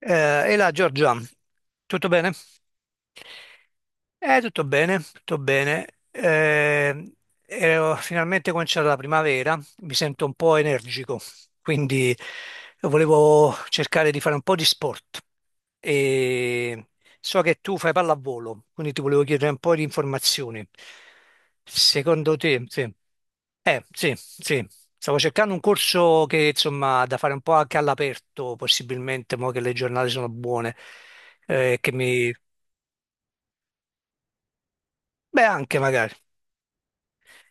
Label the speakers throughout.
Speaker 1: E là, Giorgia, tutto bene? Tutto bene, tutto bene. E ho finalmente cominciato la primavera, mi sento un po' energico, quindi volevo cercare di fare un po' di sport. E so che tu fai pallavolo, quindi ti volevo chiedere un po' di informazioni. Secondo te, sì. Sì, sì. Stavo cercando un corso che, insomma, da fare un po' anche all'aperto, possibilmente, mo che le giornate sono buone, che mi. Beh, anche magari.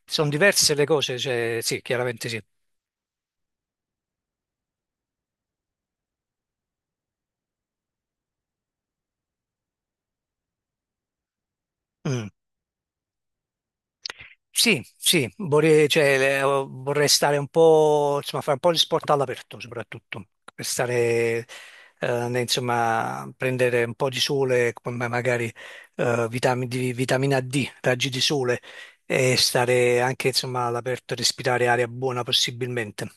Speaker 1: Sono diverse le cose, cioè, sì, chiaramente sì. Mm. Sì, sì, vorrei, cioè, vorrei stare un po', insomma, fare un po' di sport all'aperto soprattutto, per stare, insomma, prendere un po' di sole, come magari vitamina D, raggi di sole, e stare anche, insomma, all'aperto, respirare aria buona possibilmente.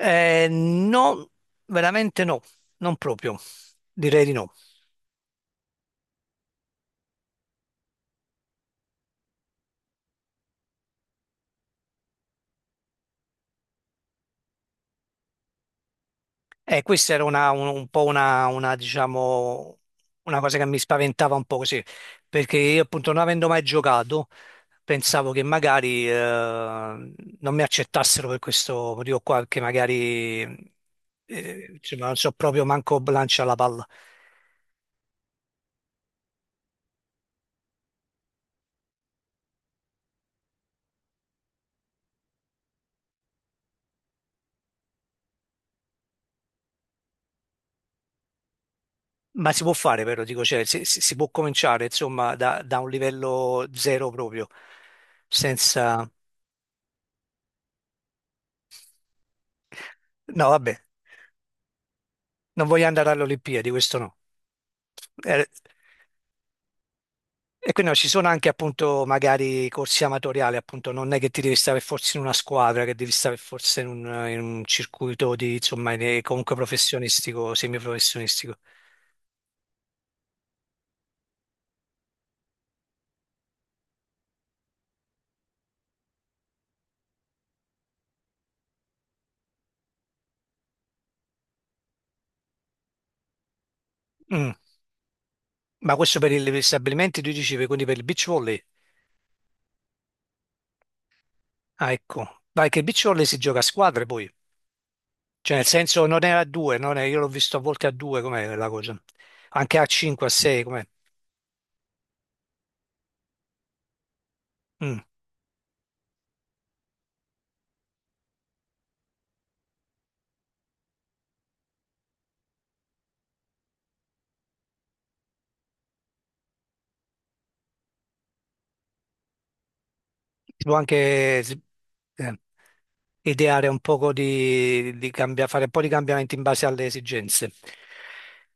Speaker 1: No, veramente no, non proprio, direi di no. Questa era un po' diciamo, una cosa che mi spaventava un po' così, perché io appunto non avendo mai giocato, pensavo che magari non mi accettassero per questo motivo qua, che magari insomma, non so proprio manco lancia la palla. Ma si può fare però, dico, cioè, si può cominciare insomma da un livello zero proprio, senza. No, vabbè, non voglio andare alle Olimpiadi, questo no. Eh, E quindi no, ci sono anche appunto magari corsi amatoriali, appunto non è che ti devi stare forse in una squadra, che devi stare forse in un circuito di, insomma, comunque professionistico, semiprofessionistico. Mm. Ma questo per gli stabilimenti, tu dicevi, quindi per il beach volley? Ah, ecco. Vai che il beach volley si gioca a squadre poi. Cioè nel senso non è a due, non è- io l'ho visto a volte a due, com'è la cosa? Anche a cinque, a sei, com'è? Mm. Si può anche eh. ideare un poco di fare un po' di cambiamenti in base alle esigenze.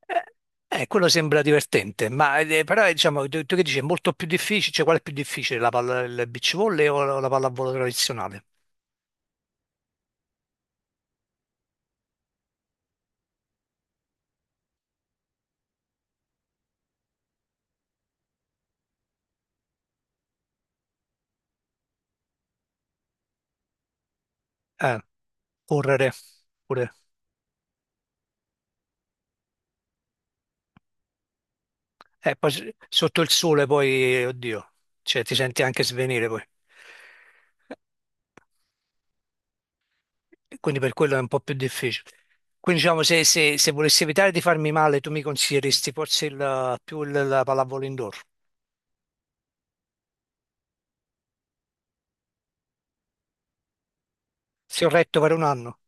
Speaker 1: Quello sembra divertente, ma però diciamo, tu che dici, è molto più difficile, cioè qual è più difficile, la palla, il beach volley o la pallavolo tradizionale? Eh, Correre, pure. Poi sotto il sole poi, oddio, cioè, ti senti anche svenire poi. Quindi per quello è un po' più difficile. Quindi diciamo, se volessi evitare di farmi male, tu mi consiglieresti forse più la pallavolo indoor? Sì, ho retto per un anno.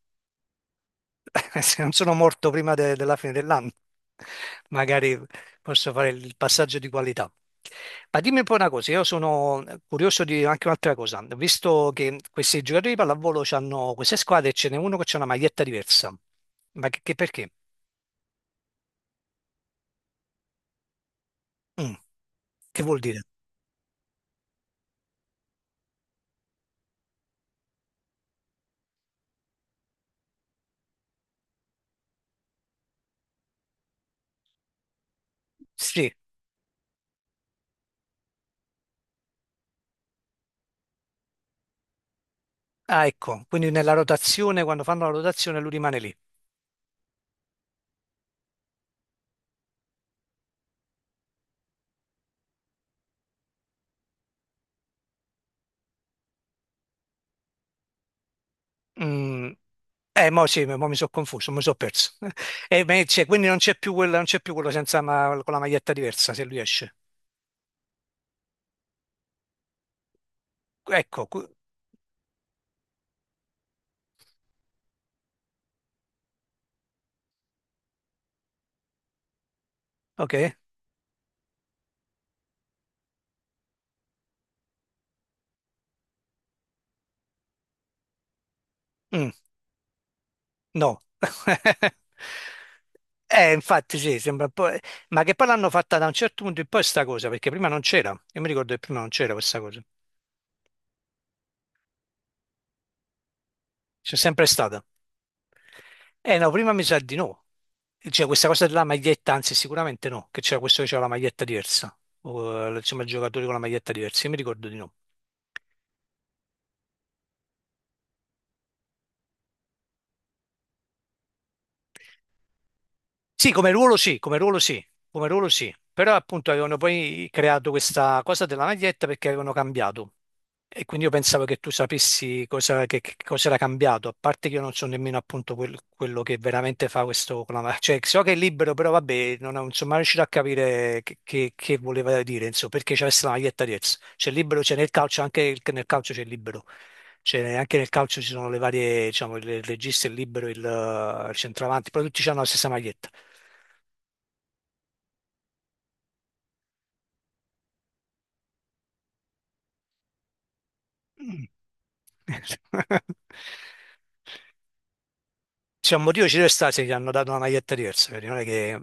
Speaker 1: Se non sono morto prima della fine dell'anno, magari posso fare il passaggio di qualità. Ma dimmi un po' una cosa, io sono curioso di anche un'altra cosa. Ho visto che questi giocatori di pallavolo hanno queste squadre e ce n'è uno che ha una maglietta diversa. Ma che perché? Mm, Che vuol dire? Sì, ah, ecco, quindi nella rotazione, quando fanno la rotazione lui rimane lì. Mm, Mo sì, mo mi sono confuso, mi sono perso. E beh, quindi non c'è più quella, non c'è più quello senza con la maglietta diversa se lui esce. Ecco, ok. Mm, no. Infatti sì, sembra un po'. Ma che poi l'hanno fatta da un certo punto in poi sta cosa, perché prima non c'era. Io mi ricordo che prima non c'era questa cosa. C'è sempre stata. Eh no, prima mi sa di no. Cioè questa cosa della maglietta, anzi sicuramente no, che c'era questo che c'era la maglietta diversa. Insomma, i giocatori con la maglietta diversa, io mi ricordo di no. Sì, come ruolo sì, come ruolo sì, come ruolo sì, però appunto avevano poi creato questa cosa della maglietta perché avevano cambiato e quindi io pensavo che tu sapessi cosa, che cosa era cambiato, a parte che io non so nemmeno appunto quello che veramente fa questo cioè so che è libero, però vabbè, non ho- insomma non riuscito a capire che, che voleva dire, insomma, perché c'è la maglietta diversa, c'è libero, c'è nel calcio, anche nel calcio c'è libero. Cioè, anche nel calcio ci sono le varie, diciamo, il regista, il libero, il centravanti, però tutti hanno la stessa maglietta. Mm. C'è un motivo ci deve stare se gli hanno dato una maglietta diversa, vedi? Non è che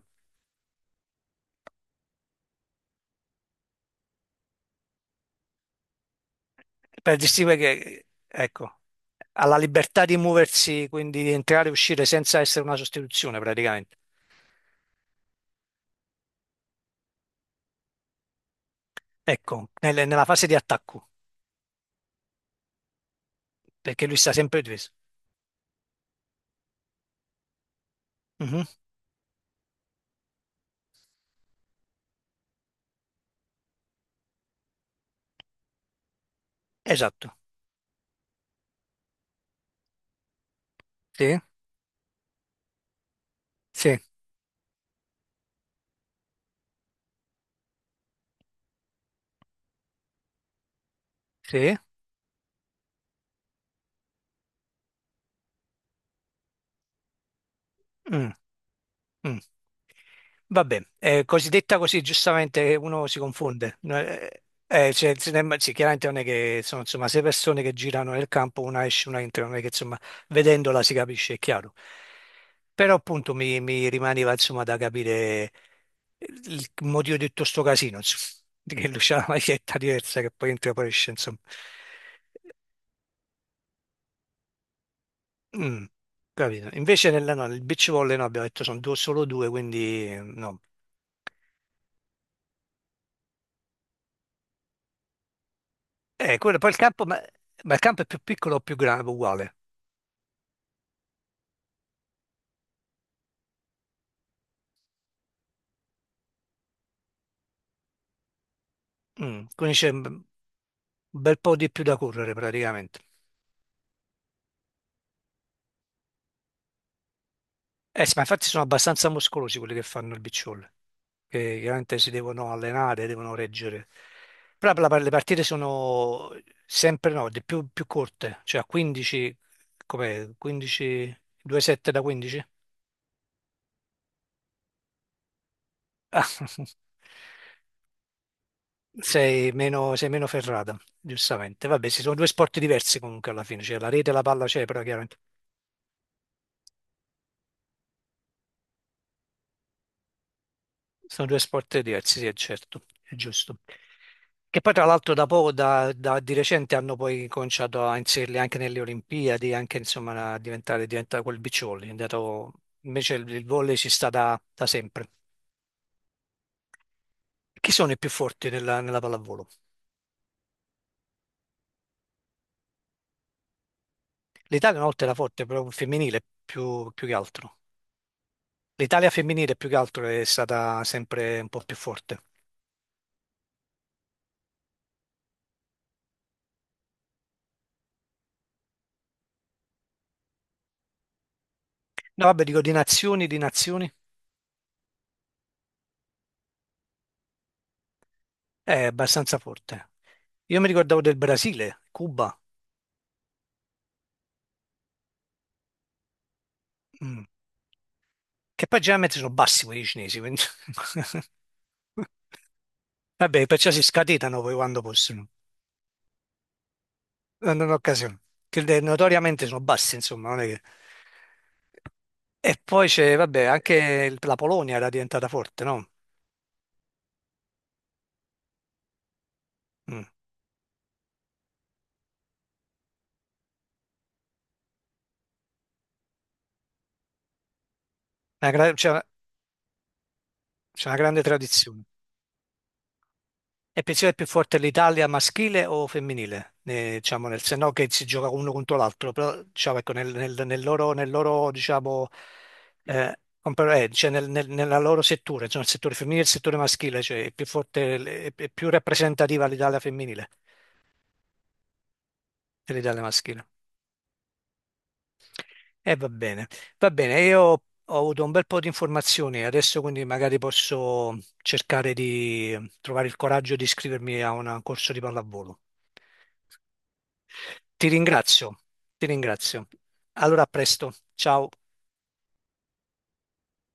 Speaker 1: per distinguere che, ecco, ha la libertà di muoversi, quindi di entrare e uscire senza essere una sostituzione praticamente. Ecco, nella fase di attacco, perché lui sta sempre difeso. Mhm, esatto. Sì, sì, sì. Mm, mm. Vabbè, così detta così giustamente uno si confonde. No. Cioè, se ne- sì, chiaramente non è che sono insomma sei persone che girano nel campo, una esce, una entra, non è che insomma vedendola si capisce, è chiaro. Però appunto mi rimaneva insomma da capire il motivo di tutto sto casino, insomma, di che lui c'ha la maglietta diversa che poi entra e poi esce, insomma. Mm, Capito. Invece nella, no, nel beach volley no, abbiamo detto sono solo due, quindi no. Quello, poi il campo, ma il campo è più piccolo o più grande, uguale. Quindi c'è un bel po' di più da correre praticamente. Eh sì, ma infatti sono abbastanza muscolosi quelli che fanno il beach volley, che chiaramente si devono allenare, devono reggere. Però per le partite sono sempre no, di più, corte, cioè a 15, com'è? 15, 2-7 da 15? Ah, sei meno ferrata, giustamente. Vabbè, ci sono due sport diversi comunque alla fine, cioè la rete e la palla c'è, però chiaramente sono due sport diversi, sì, è certo, è giusto. Che poi tra l'altro da poco, di recente hanno poi cominciato a inserirli anche nelle Olimpiadi, anche insomma a diventare, diventa quel beach volley, invece il volley ci sta da sempre. Chi sono i più forti nella pallavolo? L'Italia una volta era forte, però femminile più che altro. L'Italia femminile più che altro è stata sempre un po' più forte. No, vabbè, dico di nazioni, è abbastanza forte. Io mi ricordavo del Brasile, Cuba. Mm. Che poi generalmente sono bassi quelli cinesi, quindi. Vabbè, perciò si scatenano poi quando possono, quando hanno occasione. Che notoriamente sono bassi, insomma, non è che. E poi c'è, vabbè, anche la Polonia era diventata forte, no? Mm. Una gra- C'è c'è una grande tradizione. E pensi che è più forte l'Italia maschile o femminile? Diciamo, se no che si gioca uno contro l'altro, però diciamo, ecco, nel loro, diciamo, cioè, nella loro settore, cioè, il settore femminile e il settore maschile, cioè è più forte, è più rappresentativa l'Italia femminile dell'Italia maschile. E va bene, io ho avuto un bel po' di informazioni, adesso quindi magari posso cercare di trovare il coraggio di iscrivermi a un corso di pallavolo. Ti ringrazio, ti ringrazio. Allora, a presto. Ciao.